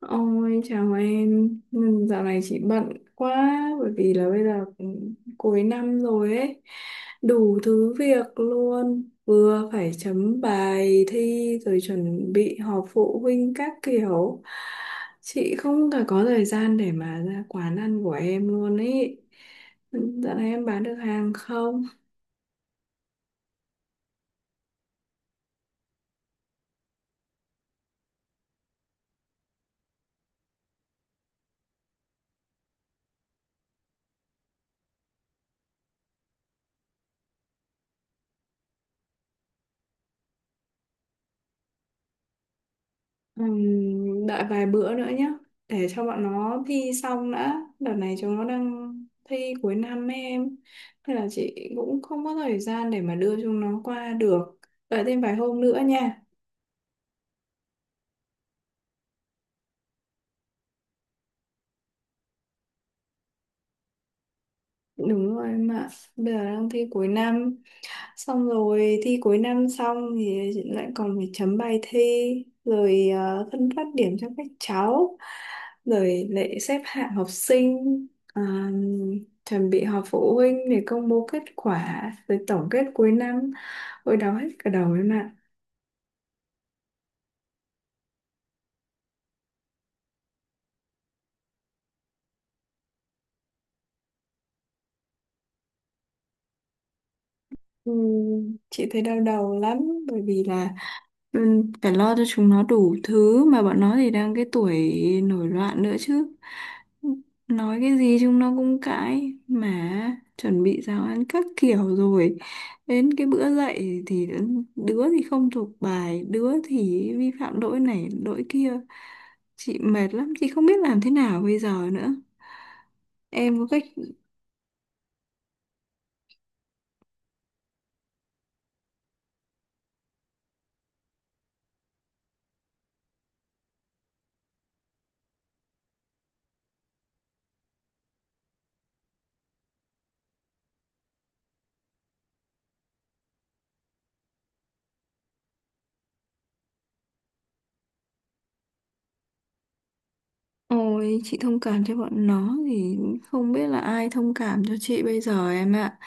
Ôi chào em. Ừ, Dạo này chị bận quá bởi vì là bây giờ cũng cuối năm rồi ấy, đủ thứ việc luôn, vừa phải chấm bài thi rồi chuẩn bị họp phụ huynh các kiểu. Chị không cả có thời gian để mà ra quán ăn của em luôn ấy. Ừ, dạo này em bán được hàng không? Đợi vài bữa nữa nhé, để cho bọn nó thi xong đã, đợt này chúng nó đang thi cuối năm ấy em, nên là chị cũng không có thời gian để mà đưa chúng nó qua được, đợi thêm vài hôm nữa nha. Đúng rồi em ạ, bây giờ đang thi cuối năm, xong rồi thi cuối năm xong thì chị lại còn phải chấm bài thi rồi phân phát điểm cho các cháu, rồi lại xếp hạng học sinh, ờ, chuẩn bị họp phụ huynh để công bố kết quả rồi tổng kết cuối năm, ôi đau hết cả đầu em ạ. Ừ, chị thấy đau đầu lắm, bởi vì là phải lo cho chúng nó đủ thứ, mà bọn nó thì đang cái tuổi nổi loạn nữa chứ, nói cái gì chúng nó cũng cãi, mà chuẩn bị giáo án các kiểu rồi đến cái bữa dậy thì đứa thì không thuộc bài, đứa thì vi phạm lỗi này lỗi kia. Chị mệt lắm, chị không biết làm thế nào bây giờ nữa, em có cách. Ôi, chị thông cảm cho bọn nó thì không biết là ai thông cảm cho chị bây giờ em ạ.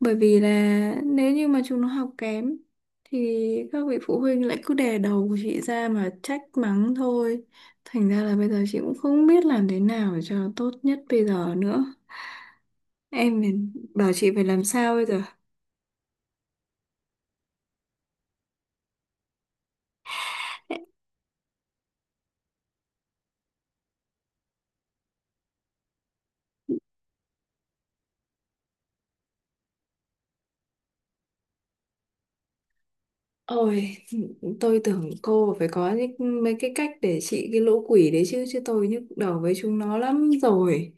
Bởi vì là nếu như mà chúng nó học kém thì các vị phụ huynh lại cứ đè đầu của chị ra mà trách mắng thôi. Thành ra là bây giờ chị cũng không biết làm thế nào để cho tốt nhất bây giờ nữa. Em phải- bảo chị phải làm sao bây giờ? Ôi, tôi tưởng cô phải có những mấy cái cách để trị cái lũ quỷ đấy chứ, chứ tôi nhức đầu với chúng nó lắm rồi.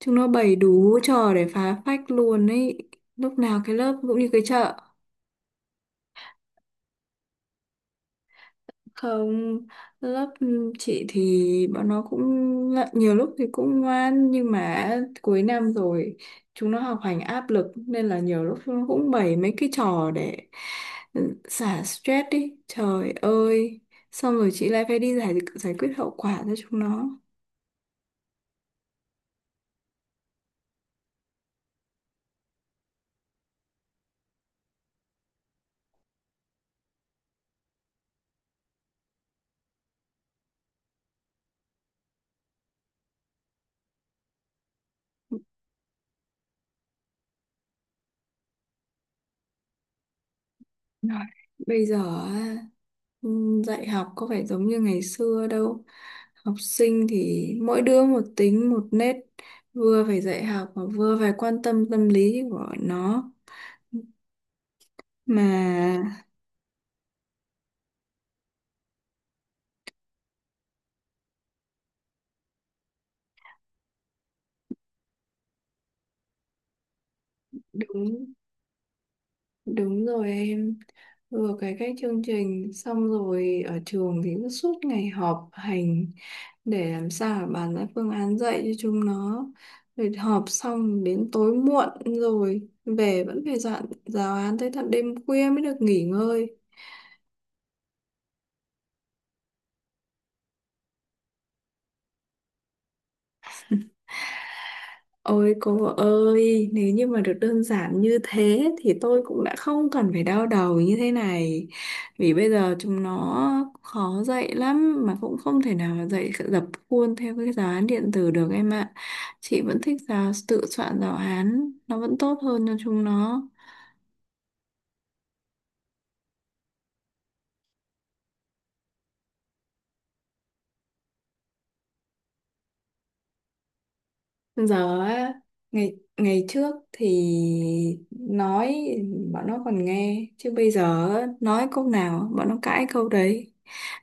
Chúng nó bày đủ trò để phá phách luôn ấy. Lúc nào cái lớp cũng như cái chợ. Không, lớp chị thì bọn nó cũng ngại- nhiều lúc thì cũng ngoan, nhưng mà cuối năm rồi chúng nó học hành áp lực nên là nhiều lúc chúng nó cũng bày mấy cái trò để ừ, xả stress đi. Trời ơi, xong rồi chị lại phải đi giải giải quyết hậu quả cho chúng nó. Rồi, bây giờ á, dạy học có phải giống như ngày xưa đâu. Học sinh thì mỗi đứa một tính một nết, vừa phải dạy học mà vừa phải quan tâm tâm lý của nó. Mà đúng đúng rồi em. Vừa cái chương trình, xong rồi ở trường thì cứ suốt ngày họp hành để làm sao mà bàn ra phương án dạy cho chúng nó, rồi họp xong đến tối muộn rồi về vẫn phải soạn giáo án tới tận đêm khuya mới được nghỉ ngơi. Ôi cô ơi, nếu như mà được đơn giản như thế thì tôi cũng đã không cần phải đau đầu như thế này, vì bây giờ chúng nó khó dạy lắm, mà cũng không thể nào mà dạy dập khuôn theo cái giáo án điện tử được em ạ. Chị vẫn thích giáo tự soạn giáo án, nó vẫn tốt hơn cho chúng nó. Giờ á, ngày ngày trước thì nói bọn nó còn nghe, chứ bây giờ á, nói câu nào bọn nó cãi câu đấy.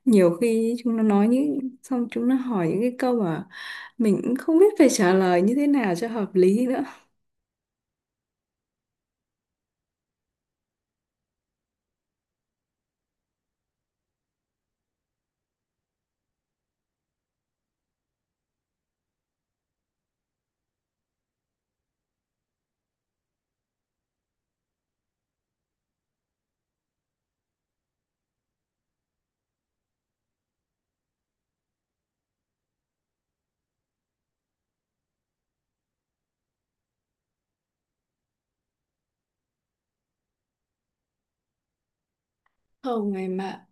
Nhiều khi chúng nó nói những xong chúng nó hỏi những cái câu mà mình cũng không biết phải trả lời như thế nào cho hợp lý nữa. Không ngày mà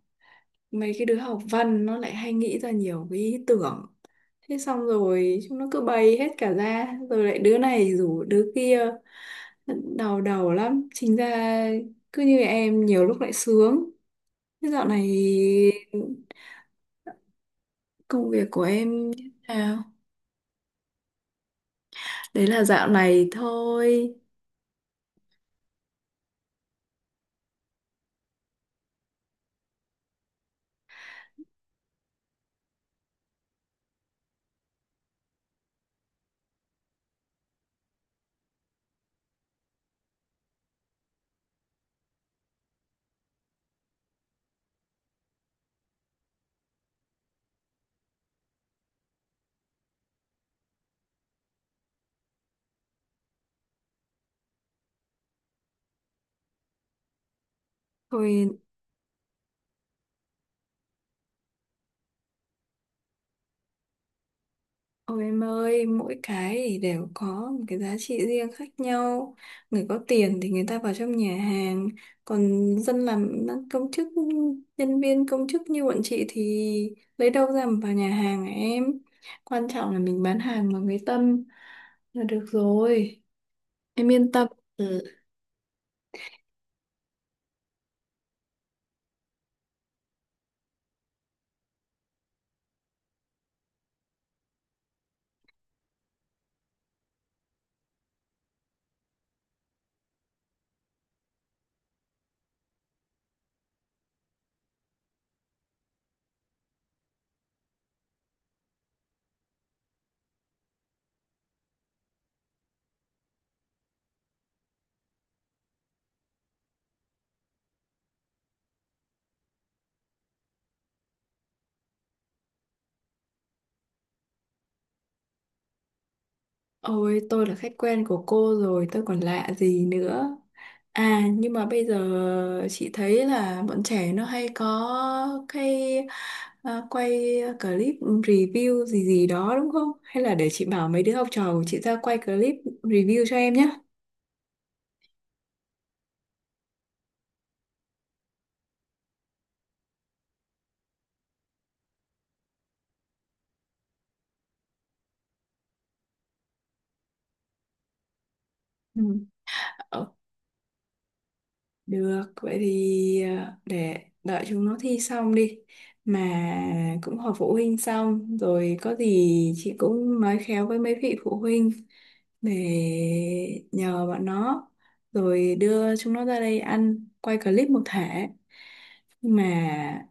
mấy cái đứa học văn nó lại hay nghĩ ra nhiều cái ý tưởng, thế xong rồi chúng nó cứ bày hết cả ra rồi lại đứa này rủ đứa kia, đau đầu lắm chính ra. Cứ như em nhiều lúc lại sướng. Thế dạo này công việc của em như thế nào? Đấy là dạo này thôi. Thôi. Ôi em ơi, mỗi cái thì đều có một cái giá trị riêng khác nhau. Người có tiền thì người ta vào trong nhà hàng, còn dân làm công chức, nhân viên công chức như bọn chị thì lấy đâu ra mà vào nhà hàng hả em. Quan trọng là mình bán hàng bằng cái tâm là được rồi. Em yên tâm. Ừ. Ôi, tôi là khách quen của cô rồi, tôi còn lạ gì nữa. À, nhưng mà bây giờ chị thấy là bọn trẻ nó hay có cái quay clip review gì gì đó đúng không? Hay là để chị bảo mấy đứa học trò của chị ra quay clip review cho em nhé. Ừ. Được, vậy thì để đợi chúng nó thi xong đi. Mà cũng họp phụ huynh xong, rồi có gì chị cũng nói khéo với mấy vị phụ huynh để nhờ bọn nó, rồi đưa chúng nó ra đây ăn, quay clip một thể. Nhưng mà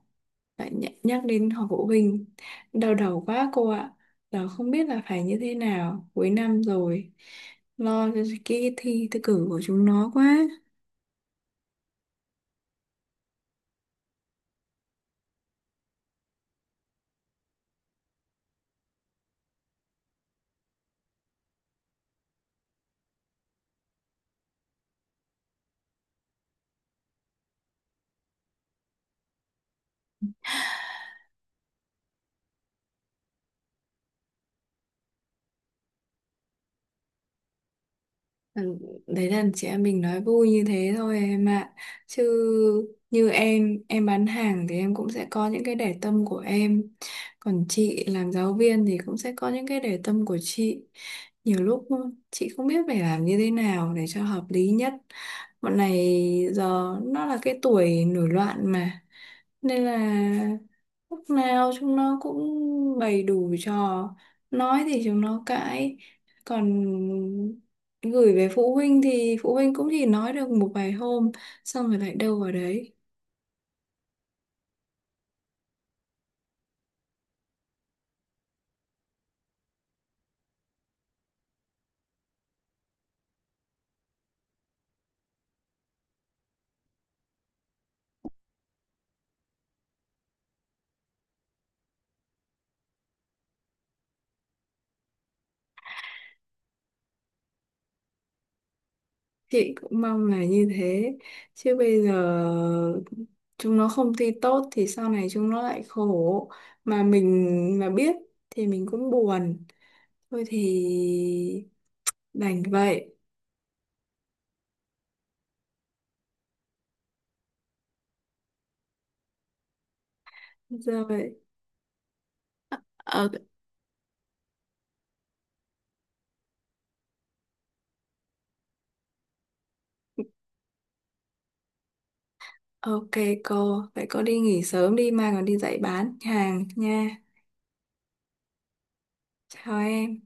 lại nh- nhắc đến họp phụ huynh, đau đầu quá cô ạ. Giờ không biết là phải như thế nào, cuối năm rồi, lo cho cái thi, thi cử của chúng nó quá. Ừ, Đấy là chị em mình nói vui như thế thôi em ạ. Chứ như em bán hàng thì em cũng sẽ có những cái để tâm của em. Còn chị làm giáo viên thì cũng sẽ có những cái để tâm của chị. Nhiều lúc chị không biết phải làm như thế nào để cho hợp lý nhất. Bọn này giờ nó là cái tuổi nổi loạn mà, nên là lúc nào chúng nó cũng bày đủ trò, nói thì chúng nó cãi, còn gửi về phụ huynh thì phụ huynh cũng chỉ nói được một vài hôm xong rồi lại đâu vào đấy. Chị cũng mong là như thế, chứ bây giờ chúng nó không thi tốt thì sau này chúng nó lại khổ, mà mình mà biết thì mình cũng buồn. Thôi thì đành vậy. Giờ vậy. Ok cô, vậy cô đi nghỉ sớm đi mai còn đi dạy bán hàng nha. Chào em.